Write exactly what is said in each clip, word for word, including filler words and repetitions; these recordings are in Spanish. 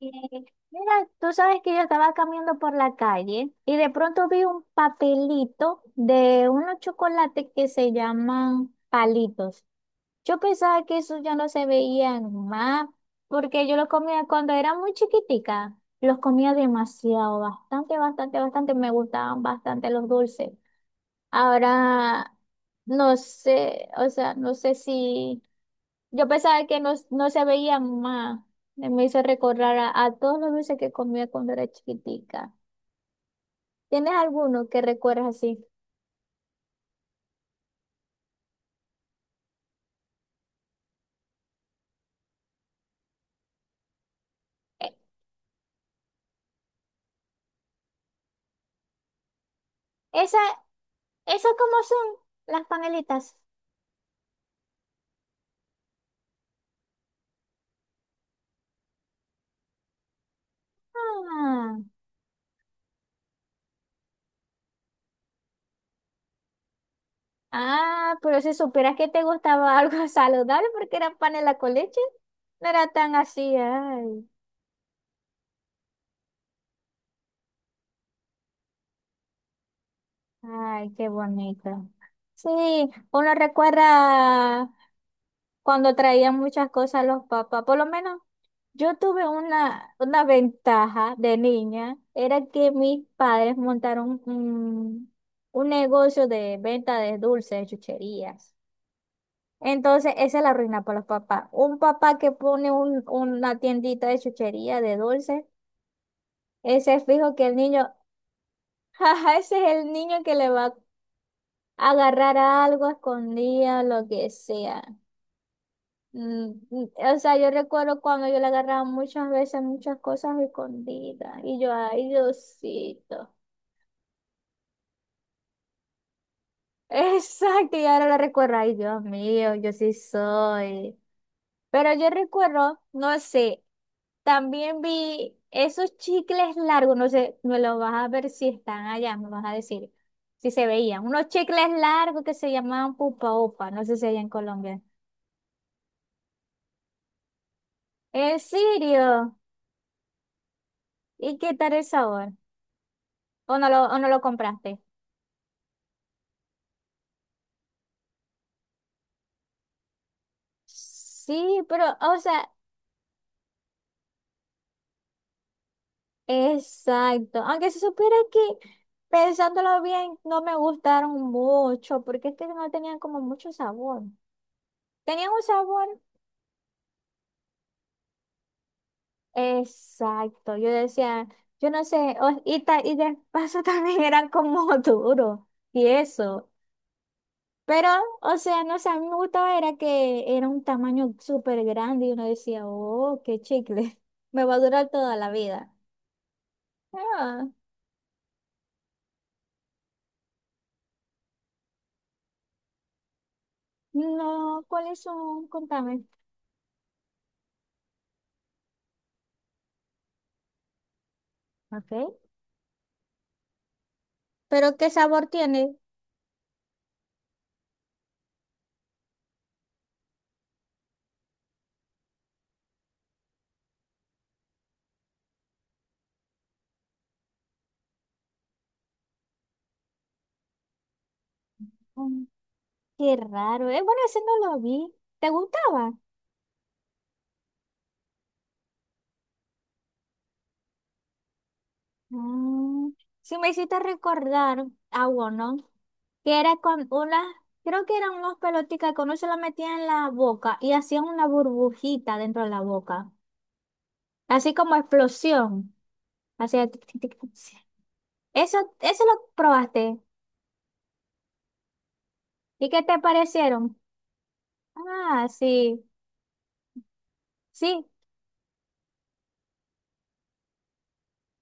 Eh, Mira, tú sabes que yo estaba caminando por la calle y de pronto vi un papelito de unos chocolates que se llaman palitos. Yo pensaba que esos ya no se veían más porque yo los comía cuando era muy chiquitica. Los comía demasiado, bastante, bastante, bastante. Me gustaban bastante los dulces. Ahora, no sé, o sea, no sé si. Yo pensaba que no, no se veía más. Me hizo recordar a, a todos los dulces que comía cuando era chiquitica. ¿Tienes alguno que recuerdas así? E- Esa, ¿esas cómo son? Las panelitas. Ah, ah, pero si supieras que te gustaba algo saludable porque eran panela con leche, no era tan así. Ay, ay, qué bonito. Sí, uno recuerda cuando traían muchas cosas los papás, por lo menos. Yo tuve una, una ventaja de niña, era que mis padres montaron un, un negocio de venta de dulces, de chucherías. Entonces, esa es la ruina para los papás. Un papá que pone un- una tiendita de chuchería, de dulces, ese es fijo que el niño, jaja, ese es el niño que le va a agarrar algo escondida, lo que sea. Mm, mm, O sea, yo recuerdo cuando yo le agarraba muchas veces muchas cosas escondidas y yo, ay, Diosito. Exacto, y ahora lo recuerdo, ay, Dios mío, yo sí soy. Pero yo recuerdo, no sé, también vi esos chicles largos, no sé, me los vas a ver si están allá, me vas a decir si se veían. Unos chicles largos que se llamaban pupa upa, no sé si allá en Colombia. ¿En serio? ¿Y qué tal el sabor? ¿O no lo, o no lo compraste? Sí, pero, o sea, exacto. Aunque se supiera que pensándolo bien, no me gustaron mucho, porque es que no tenían como mucho sabor. Tenían un sabor exacto. Yo decía, yo no sé, o- y, ta- y de paso también eran como duros y eso. Pero, o sea, no sé, a mí me gustaba era que era un tamaño súper grande y uno decía, oh, qué chicle, me va a durar toda la vida. Ah, no, ¿cuáles son? Contame. Ok. ¿Pero qué sabor tiene? Mm, qué raro. Eh, bueno, ese no lo vi. ¿Te gustaba? Mm, sí, me hiciste recordar a uno que era con unas, creo que eran unas pelotitas que uno se la metía en la boca y hacían una burbujita dentro de la boca. Así como explosión. Hacía tic, tic, tic, tic. Eso, eso lo probaste. ¿Y qué te parecieron? Ah, sí. Sí,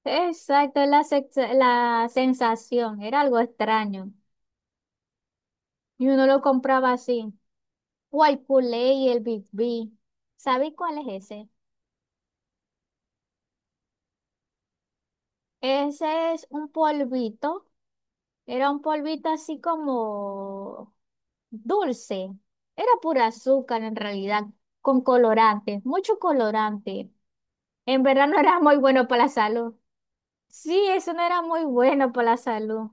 exacto, la, sex- la sensación. Era algo extraño. Y uno lo compraba así, o el Guaypulé y el Big B. ¿Sabéis cuál es ese? Ese es un polvito. Era un polvito así como dulce. Era pura azúcar en realidad, con colorante, mucho colorante. En verdad no era muy bueno para la salud. Sí, eso no era muy bueno para la salud.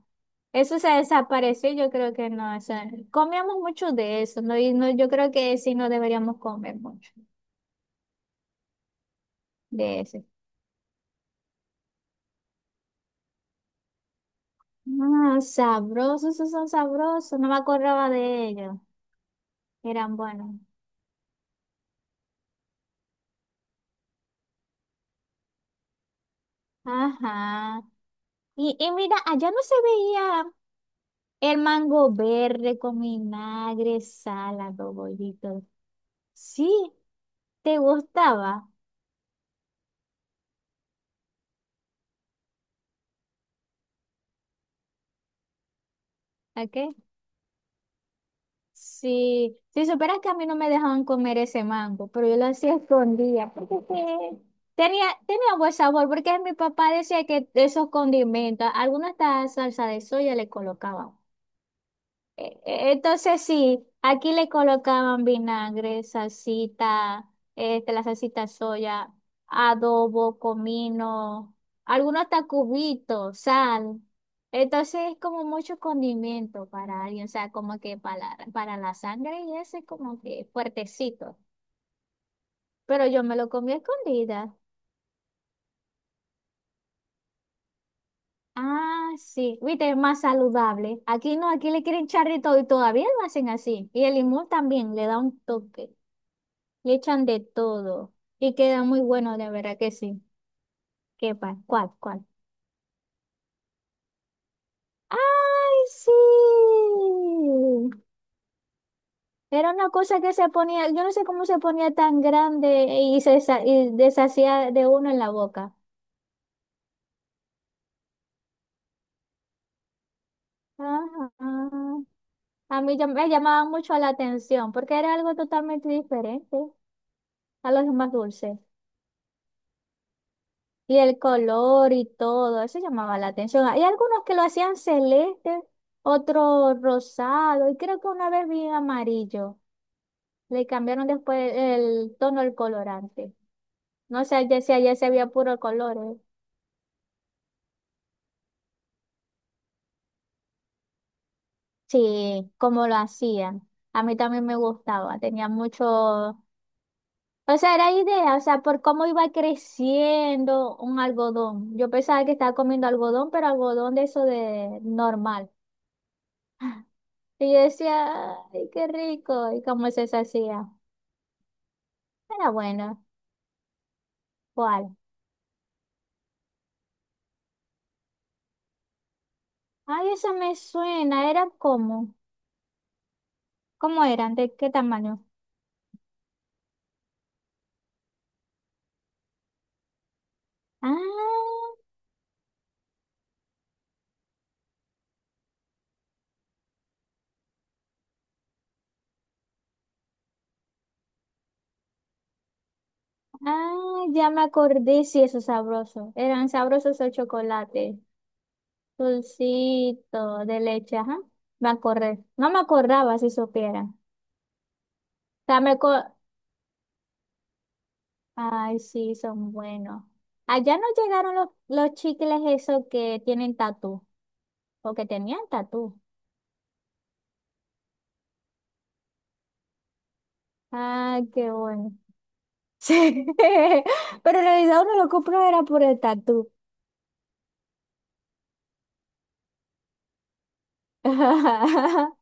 Eso se desapareció, yo creo que no. O sea, comíamos mucho de eso, ¿no? Y no, yo creo que sí no deberíamos comer mucho de eso. Ah, sabrosos, esos son sabrosos. No me acordaba de ellos. Eran buenos. Ajá. Y, y mira, allá no se veía el mango verde con vinagre, sal, adobollito. Sí, ¿te gustaba? ¿A qué? Sí. Si supieras que a mí no me dejaban comer ese mango, pero yo lo hacía escondida porque que- tenía, tenía buen sabor, porque mi papá decía que esos condimentos, alguna hasta salsa de soya le colocaba. E- e- Entonces sí, aquí le colocaban vinagre, salsita, este, la salsita soya, adobo, comino, algunos tacubitos, sal. Entonces es como mucho condimento para alguien, o sea, como que para, la- para la sangre y ese es como que fuertecito. Pero yo me lo comí a escondidas. Ah, sí, viste, es más saludable. Aquí no, aquí le quieren echar de todo y todavía lo hacen así. Y el limón también le da un toque. Le echan de todo. Y queda muy bueno, de verdad que sí. ¿Qué pa? ¿Cuál? ¿Cuál? ¡Ay, sí! Era una cosa que se ponía, yo no sé cómo se ponía tan grande y se sa- y deshacía de uno en la boca. Ah, ah. ah. a mí ya me llamaba mucho la atención porque era algo totalmente diferente a los demás dulces. Y el color y todo, eso llamaba la atención. Hay algunos que lo hacían celeste, otro rosado, y creo que una vez vi amarillo. Le cambiaron después el tono del colorante. No sé ya si allá se veía puro color, ¿eh? Sí, como lo hacían. A mí también me gustaba, tenía mucho. O sea, era idea, o sea, por cómo iba creciendo un algodón. Yo pensaba que estaba comiendo algodón, pero algodón de eso de normal. Y yo decía, ay, qué rico. ¿Y cómo se hacía? Era bueno. ¿Cuál? Ay, eso me suena. ¿Era cómo? ¿Cómo eran? ¿De qué tamaño? Ah, ah, ya me acordé. Sí, eso es sabroso. Eran sabrosos el chocolate. Dulcito de leche, ajá. Me acordé. No me acordaba si supiera. O sea, me co- ay, sí, son buenos. Allá no llegaron los, los chicles esos que tienen tatú. O que tenían tatú. Ay, qué bueno. Sí, pero en realidad uno lo compró era por el tatú.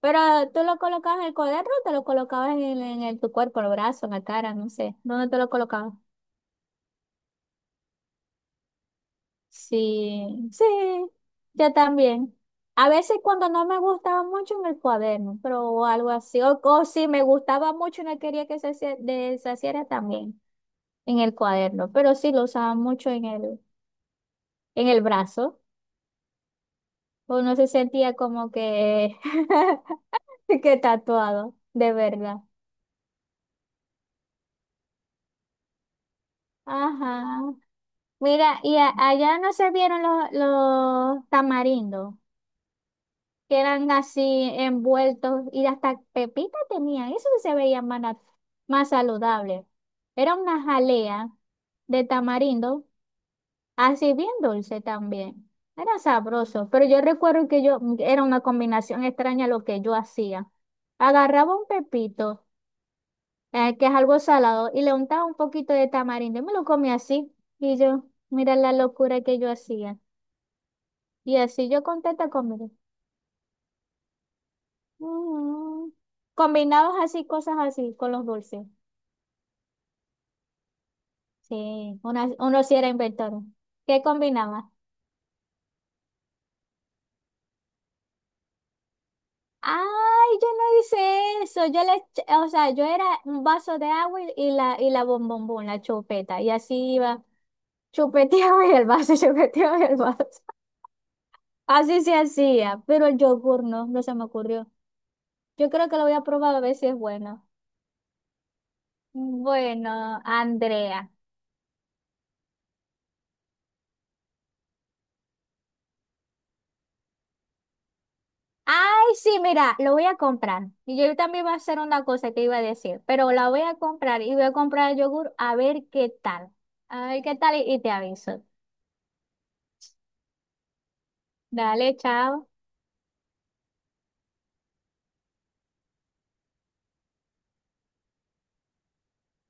Pero tú lo colocabas en el cuaderno o te lo colocabas en, el- en el- tu cuerpo, en el brazo, en la cara, no sé. ¿Dónde te lo colocabas? Sí, sí, yo también. A veces cuando no me gustaba mucho en el cuaderno, pero o algo así. O, o si me gustaba mucho y no quería que se hacia- deshaciera también en el cuaderno. Pero sí lo usaba mucho en el, en el brazo. Uno se sentía como que qué tatuado, de verdad. Ajá. Mira, y a- allá no se vieron los, los tamarindos, que eran así envueltos y hasta pepita tenían. Eso sí se veía más, nat- más saludable. Era una jalea de tamarindo, así bien dulce también. Era sabroso, pero yo recuerdo que yo era una combinación extraña lo que yo hacía. Agarraba un pepito, ah, que es algo salado, y le untaba un poquito de tamarindo. Y me lo comí así. Y yo, mira la locura que yo hacía. Y así yo contenta conmigo. Mm. Combinados así, cosas así, con los dulces. Sí, una- uno sí era inventor. ¿Qué combinaba? Ay, yo no hice eso. Yo le, ech- o sea, yo era un vaso de agua y y la, y la bombombón, la chupeta. Y así iba, chupeteaba y el vaso, chupeteaba y el vaso. Así se hacía, pero el yogur no, no se me ocurrió. Yo creo que lo voy a probar a ver si es bueno. Bueno, Andrea. Ay, sí, mira, lo voy a comprar. Y yo también voy a hacer una cosa que iba a decir, pero la voy a comprar y voy a comprar el yogur a ver qué tal. A ver qué tal y y te aviso. Dale, chao.